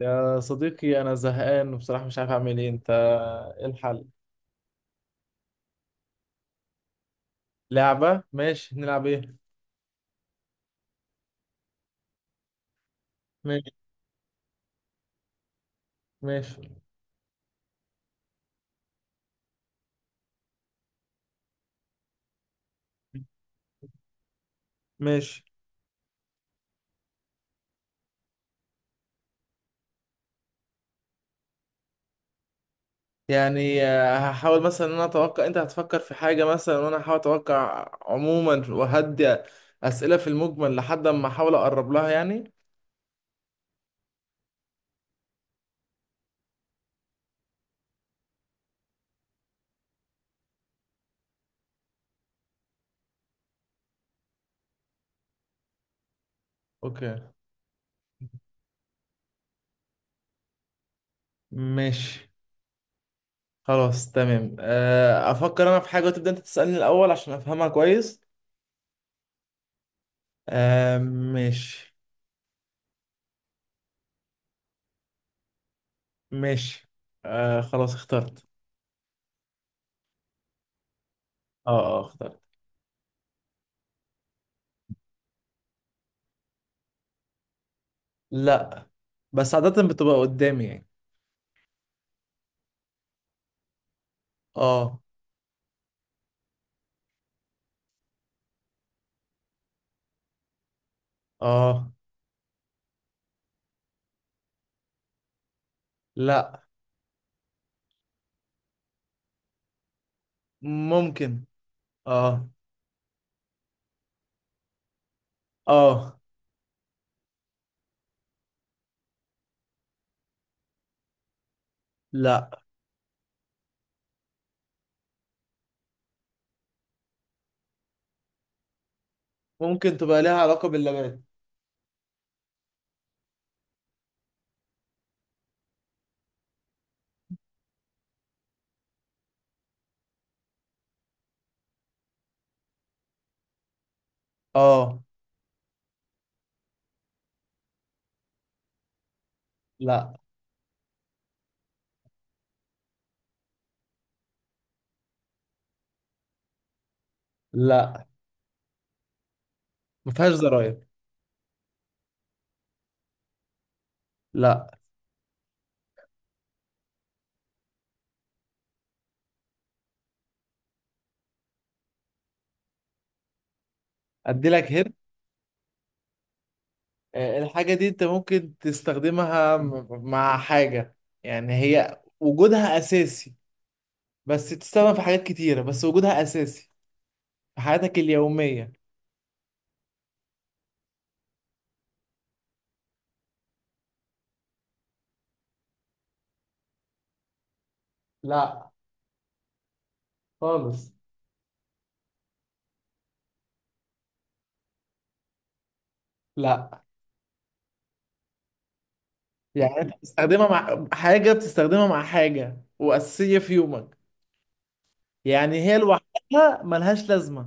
يا صديقي، أنا زهقان وبصراحة مش عارف أعمل إيه. أنت إيه الحل؟ لعبة؟ ماشي، نلعب إيه؟ ماشي. ماشي. ماشي. يعني هحاول مثلا إن أنا أتوقع أنت هتفكر في حاجة مثلا، وأنا هحاول أتوقع عموما وهدي أسئلة في المجمل لحد ما أحاول أقرب لها يعني. أوكي. ماشي. خلاص تمام، أفكر أنا في حاجة وتبدأ أنت تسألني الأول عشان أفهمها كويس. آه، ماشي. ماشي. آه، خلاص اخترت. اه. اه، اخترت. لا. بس عادة بتبقى قدامي يعني. اه. اه. لا. ممكن. اه. اه. لا. ممكن تبقى ليها علاقة باللبات. اه. لا. لا، ما فيهاش زراير. لا. ادي لك هنا. الحاجة دي انت ممكن تستخدمها مع حاجة. يعني هي وجودها اساسي، بس تستخدم في حاجات كتيرة بس وجودها اساسي في حياتك اليومية. لا. خالص. لا. يعني انت بتستخدمها مع حاجة، بتستخدمها مع حاجة وأساسية في يومك. يعني هي لوحدها ملهاش لازمة.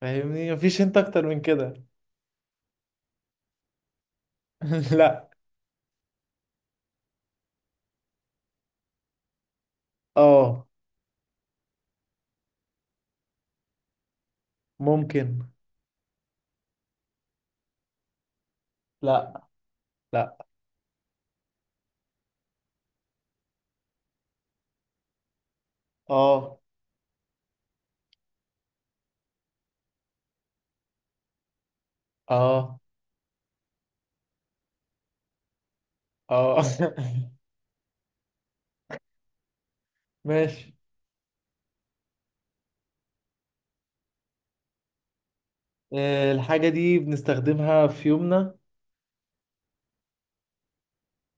فاهمني؟ مفيش انت أكتر من كده. لا. اه. ممكن. لا. لا. اه. اه. اه. ماشي. الحاجة دي بنستخدمها في يومنا.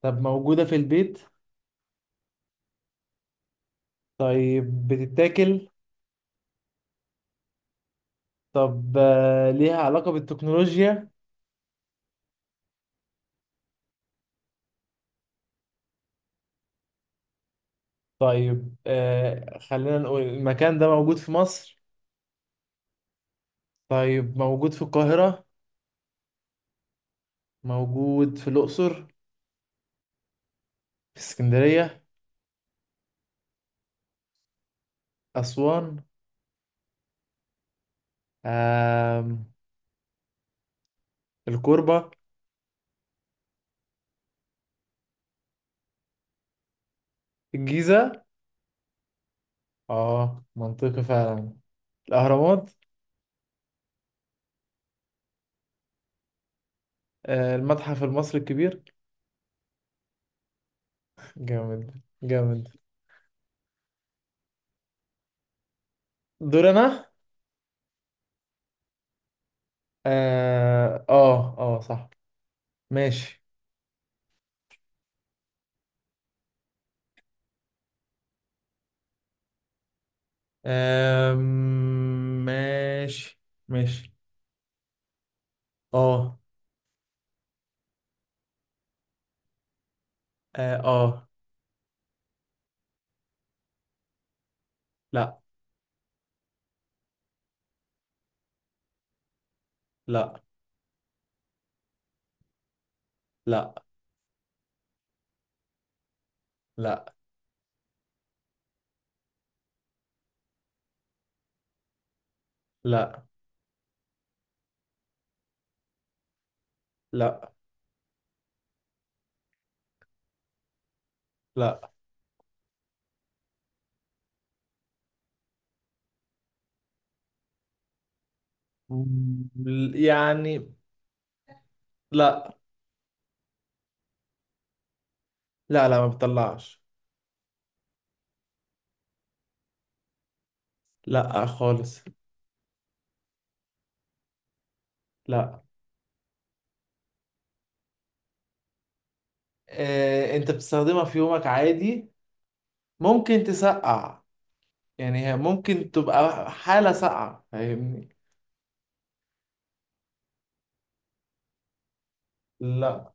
طب موجودة في البيت؟ طيب بتتاكل؟ طب ليها علاقة بالتكنولوجيا؟ طيب خلينا نقول المكان ده موجود في مصر. طيب موجود في القاهرة؟ موجود في الأقصر؟ في اسكندرية؟ أسوان؟ آم. الكوربة. الجيزة؟ اه، منطقي فعلا. الأهرامات؟ المتحف المصري الكبير. جامد جامد. دور أنا. اه، اه، آه، صح. ماشي. ماشي. ماشي. اه. اه. آه. لا. لا. لا. لا. لا. لا. لا. يعني، لا. لا. لا، ما بتطلعش. لا خالص. لا. انت بتستخدمها في يومك عادي. ممكن تسقع. يعني هي ممكن تبقى حالة ساقعة، فاهمني. لا.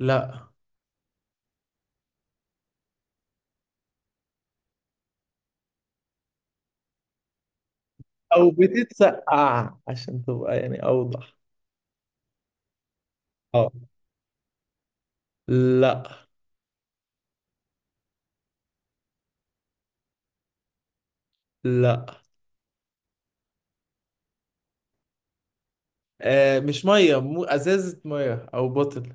لا. او بتتسقع عشان تبقى يعني اوضح. اه. لا. لا. آه، مش ميه، مو ازازة ميه او بوتل.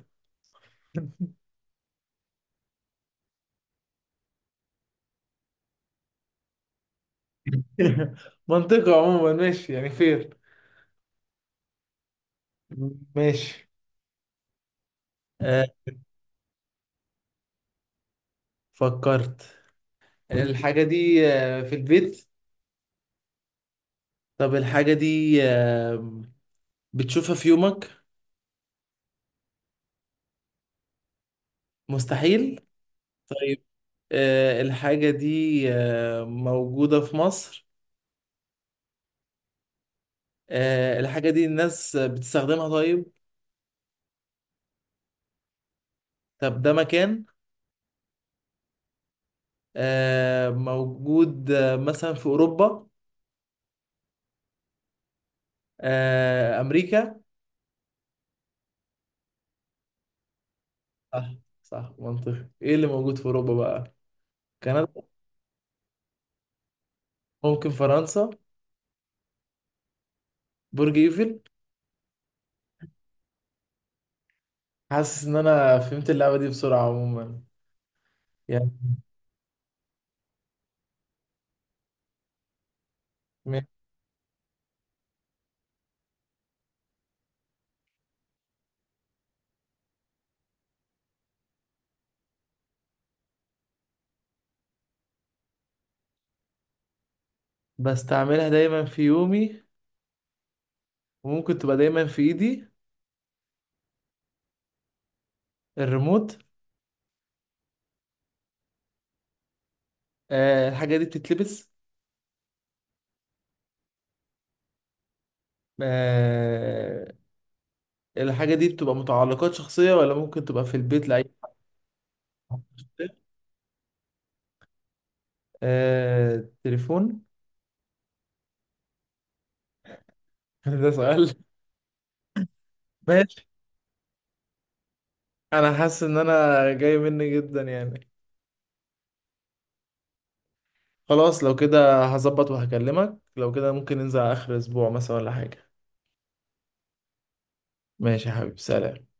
منطقة عموما، ماشي يعني فين. ماشي. آه. فكرت. الحاجة دي في البيت. طب الحاجة دي بتشوفها في يومك؟ مستحيل. طيب. الحاجة دي موجودة في مصر؟ الحاجة دي الناس بتستخدمها، طيب. طب ده مكان. موجود مثلا في أوروبا. أمريكا. صح. صح منطقي. إيه اللي موجود في أوروبا بقى؟ كندا؟ ممكن فرنسا. برج إيفل. حاسس إن أنا فهمت اللعبة دي بسرعة عموما. يعني. بستعملها دايما في يومي، وممكن تبقى دايما في ايدي. الريموت؟ الحاجة دي بتتلبس؟ آه. الحاجة دي بتبقى متعلقات شخصية، ولا ممكن تبقى في البيت لأي شخص؟ تليفون. ده سؤال. ماشي. انا حاسس ان انا جاي مني جدا يعني. خلاص، لو كده هظبط وهكلمك. لو كده ممكن ننزل على اخر اسبوع مثلا ولا حاجة. ماشي يا حبيبي، سلام.